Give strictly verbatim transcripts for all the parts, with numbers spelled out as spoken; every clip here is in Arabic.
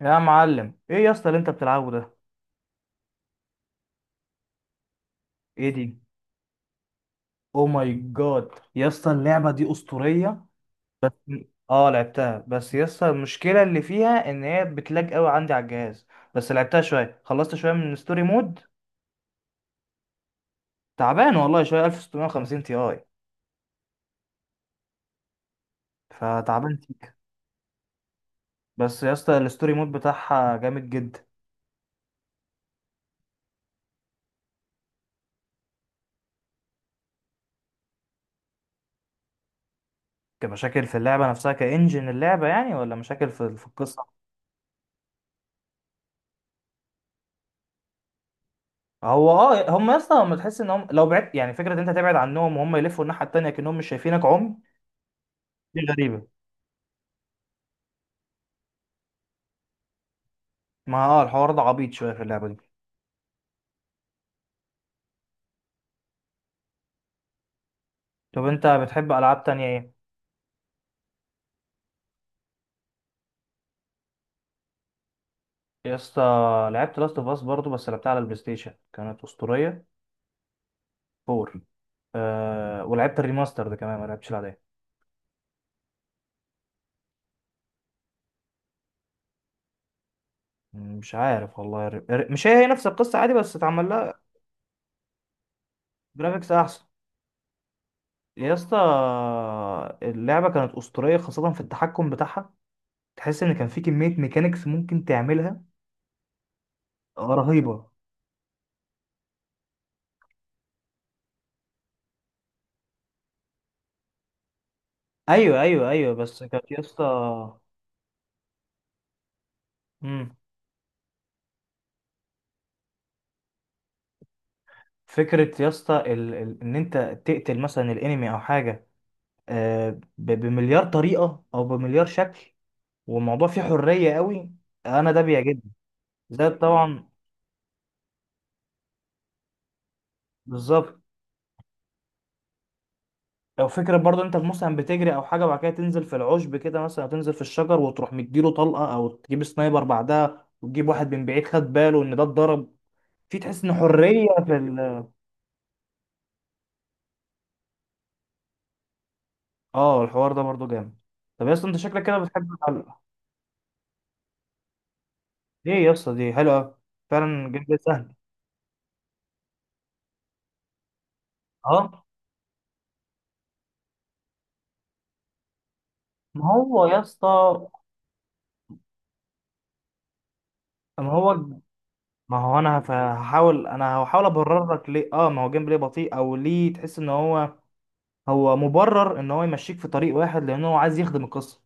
يا معلم ايه يا اسطى اللي انت بتلعبه ده؟ ايه دي؟ او ماي جاد يا اسطى اللعبه دي اسطوريه. بس اه لعبتها، بس يا اسطى المشكله اللي فيها ان هي بتلاج قوي عندي على الجهاز. بس لعبتها شويه، خلصت شويه من ستوري مود. تعبان والله شويه، الف وستمية وخمسين تي اي تي اي، فتعبان فيك. بس يا اسطى الستوري مود بتاعها جامد جدا. كمشاكل في اللعبه نفسها كانجن اللعبه يعني، ولا مشاكل في في القصه؟ هو اه هم يا اسطى، هم تحس انهم لو بعدت، يعني فكره إن انت تبعد عنهم وهم يلفوا الناحيه التانيه كانهم مش شايفينك. دي غريبة. ما اه الحوار ده عبيط شوية في اللعبة دي. طب انت بتحب ألعاب تانية ايه؟ يا اسطى، لعبت لاست اوف اس برضه بس لعبتها على البلاي ستيشن، كانت أسطورية. اربعة. آه، ولعبت الريماستر ده كمان، ما لعبتش العادية. مش عارف والله الر- الر- مش هي هي نفس القصة عادي بس اتعمل لها جرافيكس أحسن. يا اسطى، اللعبة كانت أسطورية خاصة في التحكم بتاعها. تحس إن كان في كمية ميكانيكس ممكن تعملها رهيبة. أيوه أيوه أيوه، بس كانت يا اسطى. مم. فكرة يا اسطى ال- ال- ان انت تقتل مثلا الانمي او حاجة، آه، ب- بمليار طريقة او بمليار شكل، والموضوع فيه حرية قوي، انا ده بيعجبني. ده طبعا. بالظبط. او فكرة برضه انت مثلا بتجري او حاجة وبعد كده تنزل في العشب كده مثلا، أو تنزل في الشجر وتروح مديله طلقة، او تجيب سنايبر بعدها وتجيب واحد من بعيد خد باله ان ده اتضرب. في تحس ان حرية في ال. اه الحوار ده برضه جامد. طب يا اسطى انت شكلك كده بتحب الحلقة. ليه يا اسطى؟ دي حلوة فعلا، جدا سهل. اه ما هو يا اسطى، ما هو ما هو انا هف- هحاول انا هحاول ابرر لك ليه. اه ما هو جيمبلاي بطيء، او ليه تحس ان هو هو مبرر ان هو يمشيك في طريق واحد لان هو عايز يخدم القصه،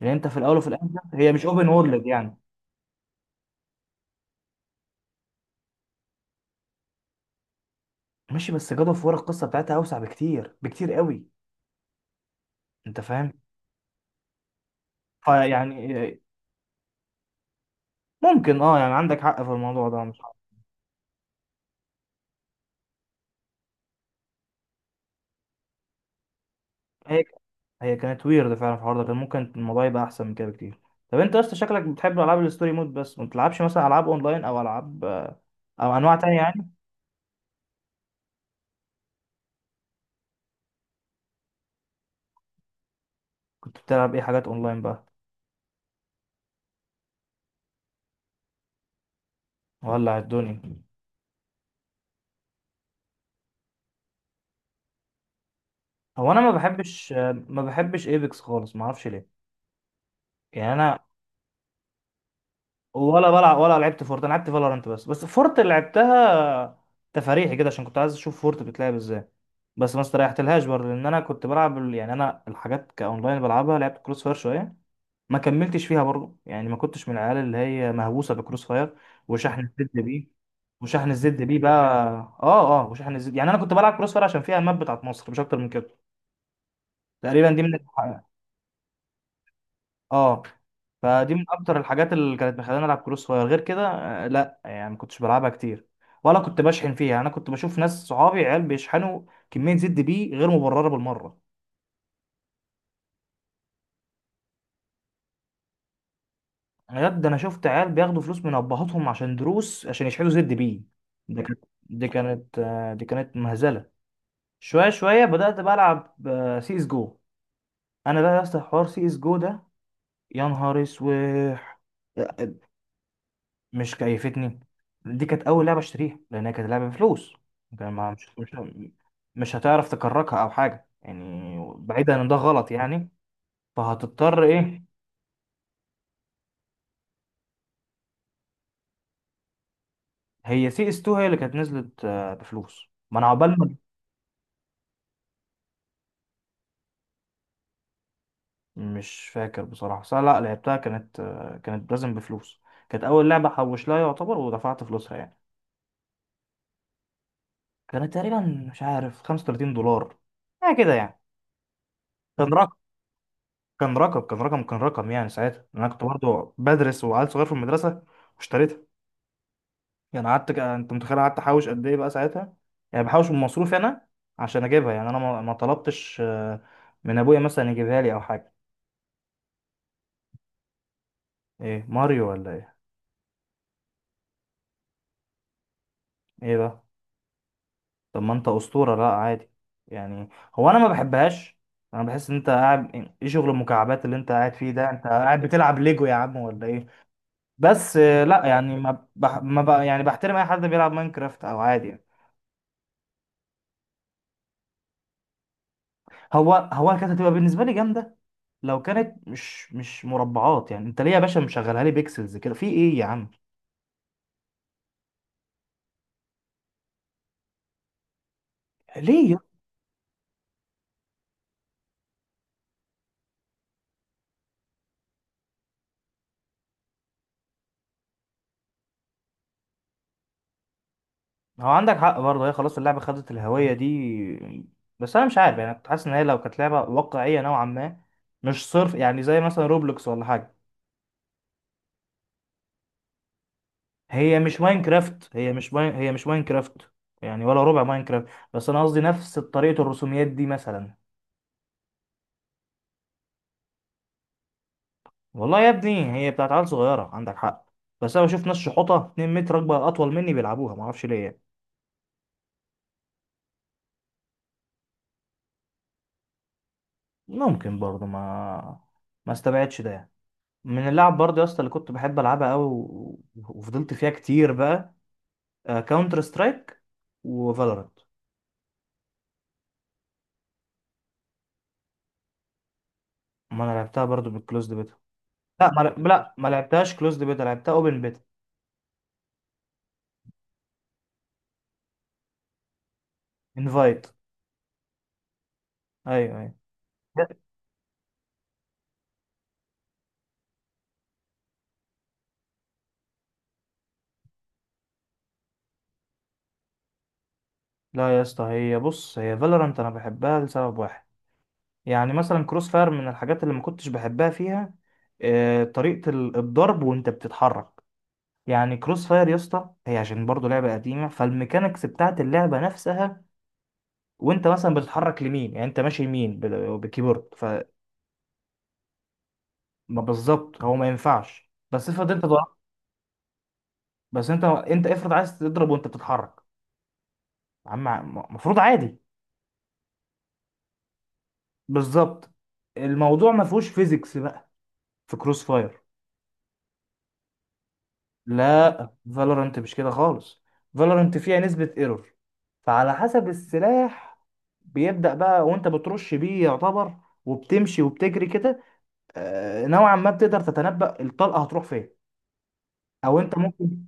لان انت في الاول وفي الاخر. هي مش اوبن وورلد يعني. ماشي، بس جاد اوف وور القصه بتاعتها اوسع بكتير، بكتير قوي. انت فاهم. فيعني آه، ممكن، اه يعني عندك حق في الموضوع ده. مش عارف. هي كانت ويرد فعلا، في الحوار ده كان ممكن الموضوع يبقى احسن من كده بكتير. طب انت اصلا شكلك بتحب العاب الستوري مود، بس ما بتلعبش مثلا العاب اونلاين او العاب او انواع تانية يعني؟ كنت بتلعب ايه حاجات اونلاين بقى؟ ولع الدنيا. هو انا ما بحبش، ما بحبش ايبكس خالص، ما اعرفش ليه. يعني انا، ولا بلعب ولا لعبت فورت. انا لعبت فالورانت بس، بس فورت اللي لعبتها تفاريحي كده عشان كنت عايز اشوف فورت بتلعب ازاي، بس ما استريحتلهاش برضه. لان انا كنت بلعب ال- يعني انا الحاجات كاونلاين بلعبها، لعبت كروس فاير شويه، ما كملتش فيها برضه. يعني ما كنتش من العيال اللي هي مهووسه بكروس فاير وشحن الزد بيه. وشحن الزد بيه بقى. اه اه وشحن الزد، يعني انا كنت بلعب كروس فاير عشان فيها الماب بتاعت مصر، مش اكتر من كده تقريبا. دي من الح- اه، فدي من اكتر الحاجات اللي كانت مخلاني العب كروس فاير، غير كده آه، لا، يعني ما كنتش بلعبها كتير، ولا كنت بشحن فيها. انا كنت بشوف ناس صحابي عيال بيشحنوا كميه زد بيه غير مبرره بالمره. بجد، انا شفت عيال بياخدوا فلوس من ابهاتهم عشان دروس عشان يشحنوا زد بيه. دي كانت دي كانت آه، دي كانت مهزله. شويه شويه بدات بقى العب سي اس جو. انا بقى يا اسطى حوار سي اس جو ده، يا نهار اسوح. مش كيفتني. دي كانت اول لعبه اشتريها، لانها كانت لعبه بفلوس. كان ما- مش مش مش هتعرف تكركها او حاجه يعني، بعيدا ان ده غلط يعني، فهتضطر ايه. هي سي اس اتنين هي اللي كانت نزلت آه، بفلوس، ما انا عقبال. مش فاكر بصراحة، بس أنا لا لعبتها كانت، كانت لازم بفلوس. كانت أول لعبة حوش لها يعتبر ودفعت فلوسها يعني. كانت تقريبا مش عارف خمسة وتلاتين دولار، حاجة كده يعني. كان رقم كان رقم كان رقم كان رقم يعني ساعتها، أنا كنت برضه بدرس وعيل صغير في المدرسة واشتريتها. يعني قعدت ك- أنت متخيل قعدت أحوش قد إيه بقى ساعتها؟ يعني بحوش من مصروفي أنا عشان أجيبها، يعني أنا ما ما طلبتش، آه، من أبويا مثلا يجيبها لي أو حاجة. إيه، ماريو ولا إيه؟ إيه بقى؟ طب ما انت اسطوره، لا عادي يعني. هو انا ما بحبهاش، انا بحس ان انت قاعد ايه شغل المكعبات اللي انت قاعد فيه ده، انت قاعد بتلعب ليجو يا عم ولا ايه؟ بس آه، لا، يعني ما بح... ما بق... يعني بحترم اي حد بيلعب ماينكرافت او عادي يعني. هو هو كانت هتبقى بالنسبه لي جامده لو كانت مش مش مربعات، يعني انت ليه يا باشا مشغلها لي بيكسلز كده في ايه يا عم؟ ليه؟ هو عندك حق برضه، هي خلاص اللعبة خدت الهوية دي. بس أنا مش عارف يعني، كنت حاسس إن هي لو كانت لعبة واقعية نوعا ما، مش صرف يعني، زي مثلا روبلوكس ولا حاجة. هي مش ماينكرافت، هي مش ماين... هي مش ماينكرافت، يعني ولا ربع ماينكرافت. بس أنا قصدي نفس طريقة الرسوميات دي مثلا. والله يا ابني هي بتاعت عيال صغيرة عندك حق، بس أنا بشوف ناس شحوطة مترين متر، أكبر أطول مني، بيلعبوها معرفش ليه يعني. ممكن برضه، ما ما استبعدش ده يعني. من اللعب برضه يا اسطى اللي كنت بحب العبها قوي، و... وفضلت فيها كتير بقى، كاونتر سترايك وفالورانت. ما انا لعبتها برضو بالكلوزد بيتا. لا، ما لا ما لعبتهاش كلوزد بيتا، لعبتها اوبن بيتا. انفايت. ايوه ايوه. لا يا اسطى، هي بص، هي فالورانت انا بحبها لسبب واحد. يعني مثلا كروس فاير من الحاجات اللي ما كنتش بحبها فيها آه، طريقة ال- الضرب وانت بتتحرك. يعني كروس فاير يا اسطى، هي عشان برضو لعبة قديمة، فالميكانيكس بتاعت اللعبة نفسها، وانت مثلا بتتحرك لمين، يعني انت ماشي يمين بال- بالكيبورد، فما. بالظبط، هو ما ينفعش، بس افرض انت ضربت. بس انت انت افرض عايز تضرب وانت بتتحرك، عم المفروض عادي. بالظبط. الموضوع ما فيهوش فيزيكس بقى في كروس فاير. لا، فالورانت مش كده خالص. فالورانت فيها نسبة ايرور، فعلى حسب السلاح بيبدأ بقى وانت بترش بيه يعتبر، وبتمشي وبتجري كده، آه، نوعا ما بتقدر تتنبأ الطلقة هتروح فين، او انت ممكن.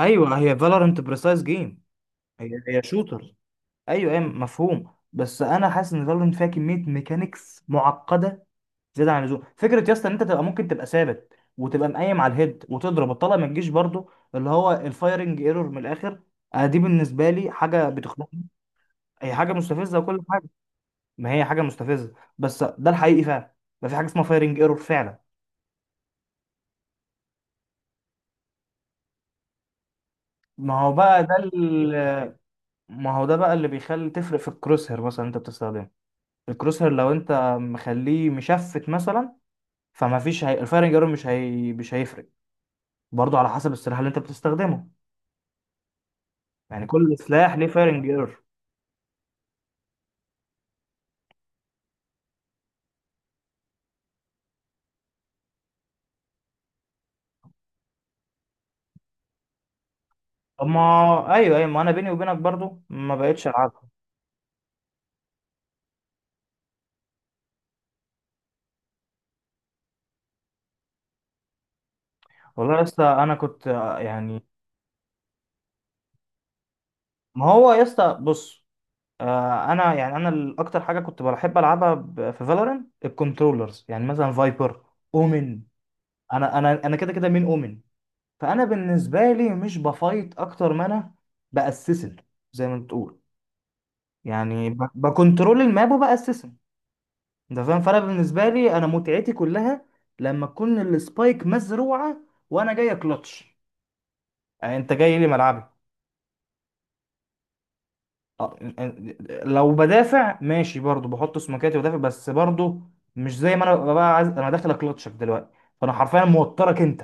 ايوه، هي فالورانت بريسايز جيم. هي هي شوتر. ايوه ايوه، مفهوم. بس انا حاسس ان فالورنت فيها كميه ميكانيكس معقده زياده عن اللزوم، فكره يا اسطى ان انت تبقى ممكن تبقى ثابت وتبقى مقيم على الهيد وتضرب الطلقه ما تجيش، برضو اللي هو الفايرنج ايرور من الاخر. آه، دي بالنسبه لي حاجه بتخنقني. هي حاجه مستفزه وكل حاجه. ما هي حاجه مستفزه، بس ده الحقيقي فعلا، ما في حاجه اسمها فايرنج ايرور فعلا. ما هو بقى ده ال- ما هو ده بقى اللي بيخلي تفرق في الكروس هير مثلا انت بتستخدمه. الكروس هير لو انت مخليه مشفت مثلا، فما فيش هي... الفايرنج ايرور مش هي... مش هيفرق، برضو على حسب السلاح اللي انت بتستخدمه، يعني كل سلاح ليه فايرنج ايرور. اما ايوه ايوه، ما انا بيني وبينك برضو ما بقتش العبها. والله يا اسطى انا كنت آه، يعني، ما هو يا اسطى بص، آه، انا يعني انا ال- اكتر حاجه كنت بحب العبها ب- في فالورنت الكنترولرز، يعني مثلا فايبر، اومن. انا انا انا كده كده مين اومن. فانا بالنسبه لي مش بفايت، اكتر ما انا باسسن، زي ما بتقول، يعني ب- بكنترول الماب وباسسن. انت فاهم، فانا بالنسبه لي، انا متعتي كلها لما تكون السبايك مزروعه وانا جاي كلتش، يعني انت جاي لي ملعبي. اه، ان- ان- لو بدافع ماشي، برضو بحط سمكاتي بدافع، بس برضو مش زي ما انا ببقى بقى، عايز انا داخل اكلتشك دلوقتي. فانا حرفيا موترك انت،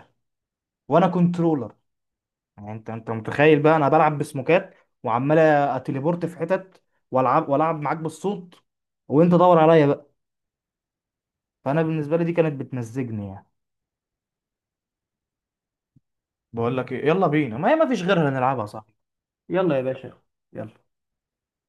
وانا كنترولر. يعني انت انت متخيل بقى انا بلعب بسموكات وعمال اتليبورت في حتت، والعب والعب معاك بالصوت، وانت دور عليا بقى. فانا بالنسبه لي دي كانت بتمزجني يعني. بقول لك ايه، يلا بينا، ما هي ما فيش غيرها نلعبها صح، يلا يا باشا، يلا.